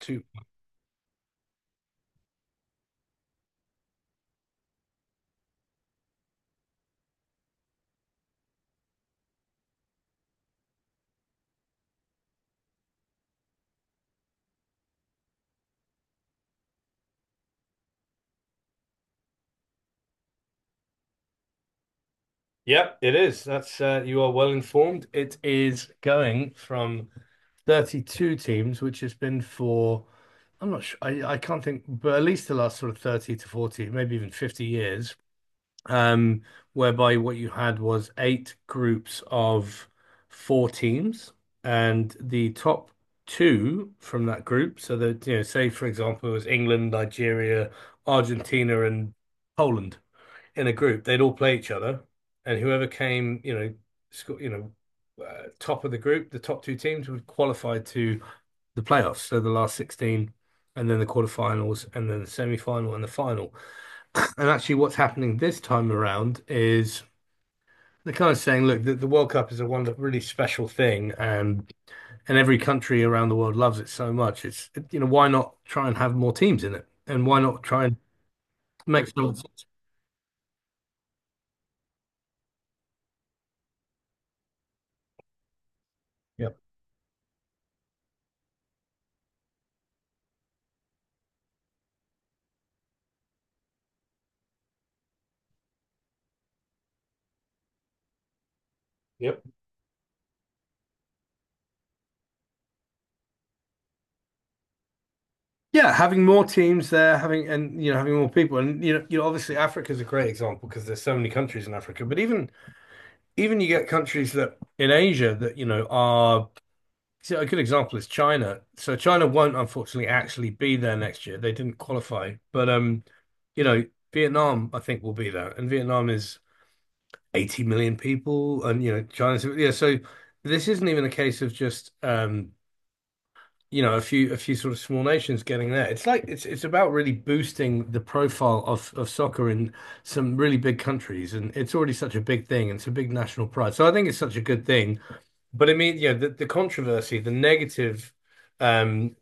Two. Yep, it is. That's you are well informed. It is going from 32 teams, which has been for, I'm not sure, I can't think, but at least the last sort of 30 to 40, maybe even 50 years, um, whereby what you had was eight groups of four teams, and the top two from that group. So that, you know, say for example, it was England, Nigeria, Argentina, and Poland in a group, they'd all play each other, and whoever came, you know, sco- you know, top of the group, the top two teams would qualify to the playoffs. So the last 16, and then the quarterfinals, and then the semi-final and the final. And actually, what's happening this time around is they're kind of saying, look, the World Cup is a one really special thing, and every country around the world loves it so much. It's, you know, why not try and have more teams in it, and why not try and make some. Yep. Yep. Yeah, having more teams there, having and, you know, having more people, and you know, you know, obviously Africa's a great example because there's so many countries in Africa. But even you get countries that in Asia that you know are so a good example is China. So China won't unfortunately actually be there next year. They didn't qualify, but you know, Vietnam I think will be there, and Vietnam is 80 million people, and you know China's yeah. So this isn't even a case of just you know, a few sort of small nations getting there. It's like it's about really boosting the profile of soccer in some really big countries, and it's already such a big thing. It's a big national pride, so I think it's such a good thing. But I mean, you know, the controversy, the negative um,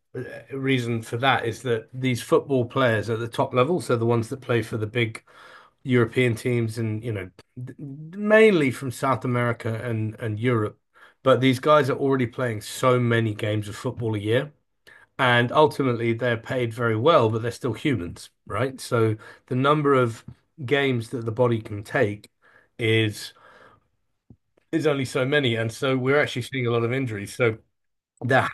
reason for that is that these football players at the top level, so the ones that play for the big European teams, and you know, mainly from South America and Europe. But these guys are already playing so many games of football a year and ultimately, they're paid very well, but they're still humans, right? So the number of games that the body can take is is only so many, and so we're actually seeing a lot of injuries. So there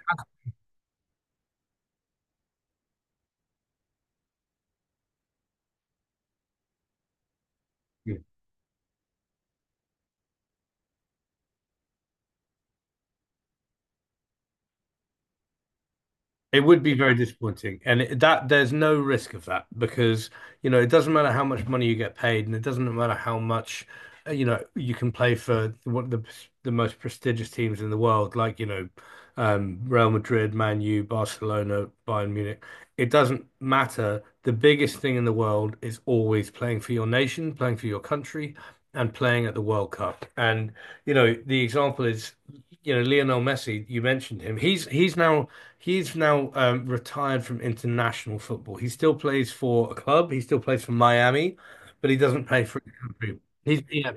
It would be very disappointing, and it, that there's no risk of that because you know it doesn't matter how much money you get paid, and it doesn't matter how much you know you can play for one of the most prestigious teams in the world, like you know Real Madrid, Man U, Barcelona, Bayern Munich. It doesn't matter. The biggest thing in the world is always playing for your nation, playing for your country, and playing at the World Cup. And you know the example is you know Lionel Messi. You mentioned him. He's now retired from international football. He still plays for a club. He still plays for Miami, but he doesn't play for his country. He's yeah,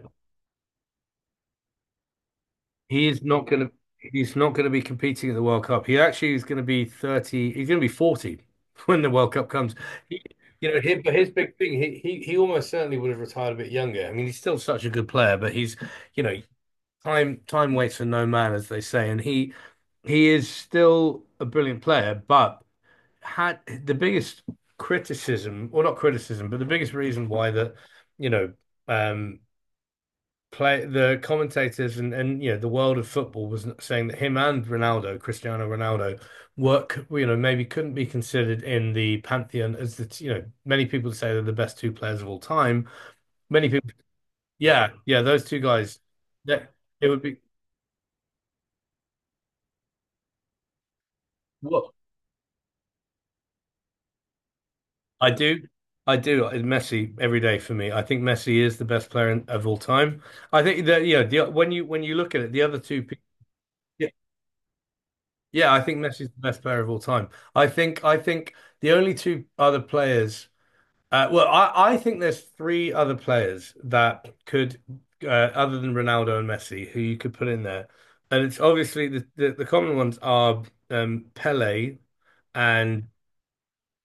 he is not gonna he's not gonna be competing at the World Cup. He actually is gonna be 30, he's gonna be 40 when the World Cup comes. He, you know, him, but his big thing, he almost certainly would have retired a bit younger. I mean, he's still such a good player, but he's, you know, time waits for no man, as they say, and he is still a brilliant player, but had the biggest criticism, or not criticism, but the biggest reason why that, you know, um, play the commentators and you know the world of football was saying that him and Ronaldo, Cristiano Ronaldo, work, you know, maybe couldn't be considered in the pantheon as the, you know, many people say they're the best two players of all time. Many people, yeah, yeah, those two guys, that it would be. What I do. I do. Messi every day for me. I think Messi is the best player in, of all time. I think that yeah, the, when you look at it, the other two people, yeah, yeah, I think Messi's the best player of all time. I think the only two other players well, I think there's three other players that could other than Ronaldo and Messi who you could put in there. And it's obviously the common ones are um, Pele and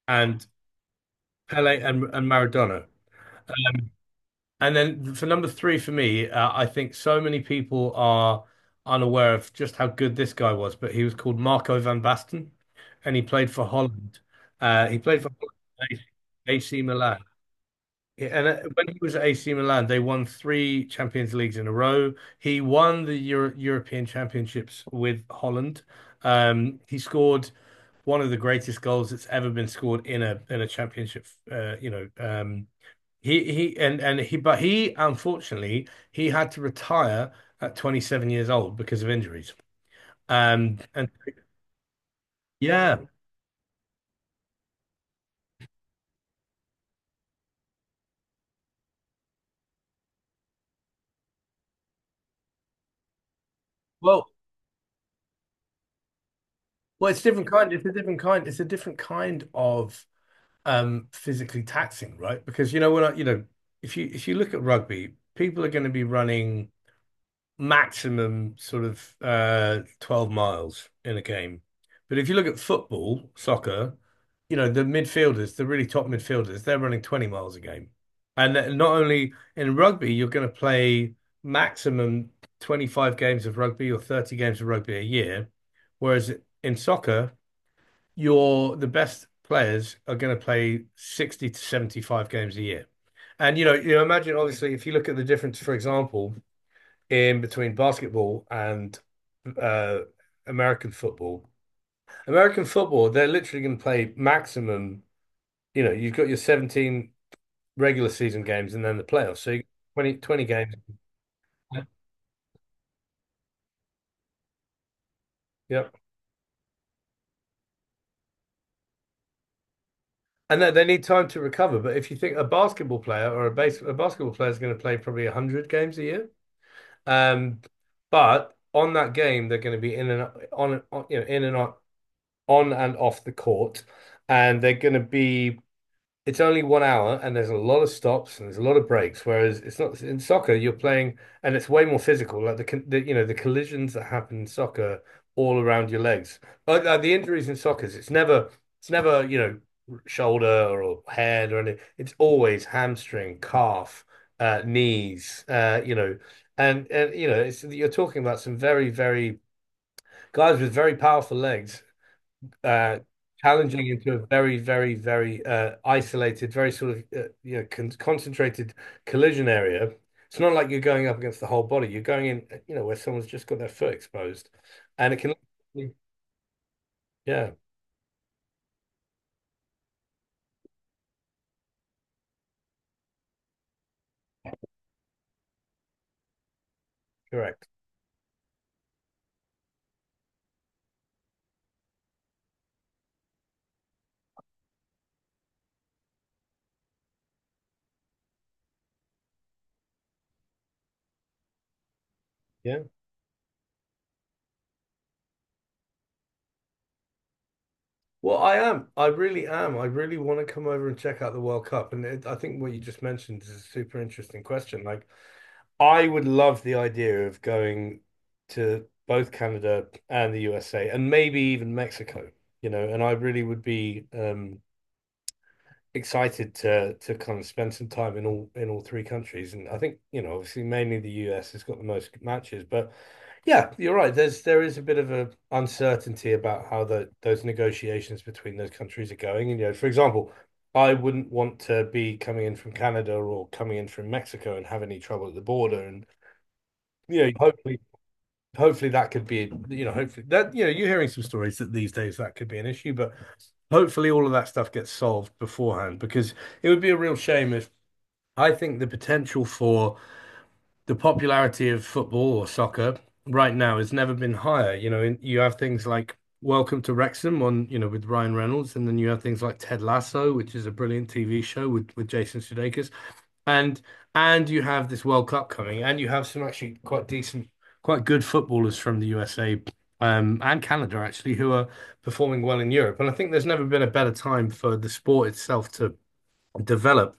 and Pele and Maradona. And then for number three for me, I think so many people are unaware of just how good this guy was, but he was called Marco van Basten, and he played for Holland. He played for Holland, AC Milan. And when he was at AC Milan, they won three Champions Leagues in a row. He won the Euro European Championships with Holland. He scored one of the greatest goals that's ever been scored in a championship, uh, you know, um, he and he but he unfortunately he had to retire at 27 years old because of injuries. And yeah, well well it's different kind it's a different kind of physically taxing, right? Because you know when I you know if you look at rugby, people are going to be running maximum sort of 12 miles in a game. But if you look at football, soccer, you know, the midfielders, the really top midfielders, they're running 20 miles a game. And not only in rugby, you're going to play maximum 25 games of rugby or 30 games of rugby a year. Whereas in soccer, you're the best players are going to play 60 to 75 games a year. And you know, imagine obviously if you look at the difference, for example, in between basketball and uh, American football. American football, they're literally going to play maximum. You know, you've got your 17 regular season games and then the playoffs. So you 20, twenty games. Yep. And they need time to recover. But if you think a basketball player or a basketball player is going to play probably 100 games a year, um, but on that game they're going to be in and on you know in and on and off the court, and they're going to be it's only 1 hour and there's a lot of stops and there's a lot of breaks. Whereas it's not in soccer, you're playing and it's way more physical. Like the, con- the you know the collisions that happen in soccer all around your legs. Like the injuries in soccer, it's never you know shoulder or head or anything. It's always hamstring, calf, knees. You know, and you know it's, you're talking about some very very guys with very powerful legs uh, challenging into a very, very, very isolated, very sort of you know concentrated collision area. It's not like you're going up against the whole body. You're going in, you know, where someone's just got their foot exposed, and it can, yeah, correct, yeah. Well, I am. I really am. I really want to come over and check out the World Cup, and it, I think what you just mentioned is a super interesting question. Like, I would love the idea of going to both Canada and the USA and maybe even Mexico, you know, and I really would be excited to kind of spend some time in all three countries. And I think, you know, obviously mainly the US has got the most matches, but yeah, you're right. There is a bit of a uncertainty about how the those negotiations between those countries are going. And you know, for example, I wouldn't want to be coming in from Canada or coming in from Mexico and have any trouble at the border and yeah, hopefully, hopefully that could be, you know, hopefully that, you know, you're hearing some stories that these days that could be an issue, but hopefully all of that stuff gets solved beforehand because it would be a real shame if I think the potential for the popularity of football or soccer right now has never been higher. You know, you have things like Welcome to Wrexham on, you know, with Ryan Reynolds, and then you have things like Ted Lasso, which is a brilliant TV show with Jason Sudeikis, and and you have this World Cup coming, and you have some actually quite decent, quite good footballers from the USA. And Canada actually, who are performing well in Europe, and I think there's never been a better time for the sport itself to develop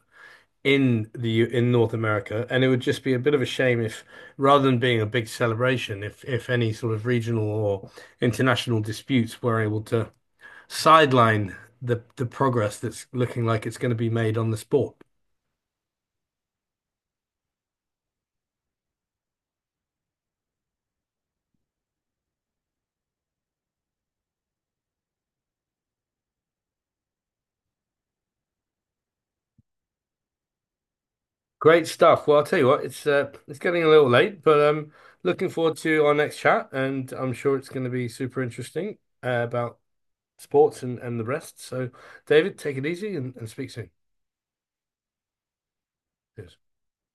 in North America, and it would just be a bit of a shame if, rather than being a big celebration, if any sort of regional or international disputes were able to sideline the progress that's looking like it's going to be made on the sport. Great stuff. Well, I'll tell you what, it's getting a little late, but looking forward to our next chat, and I'm sure it's going to be super interesting about sports and the rest. So, David, take it easy and speak soon. Cheers.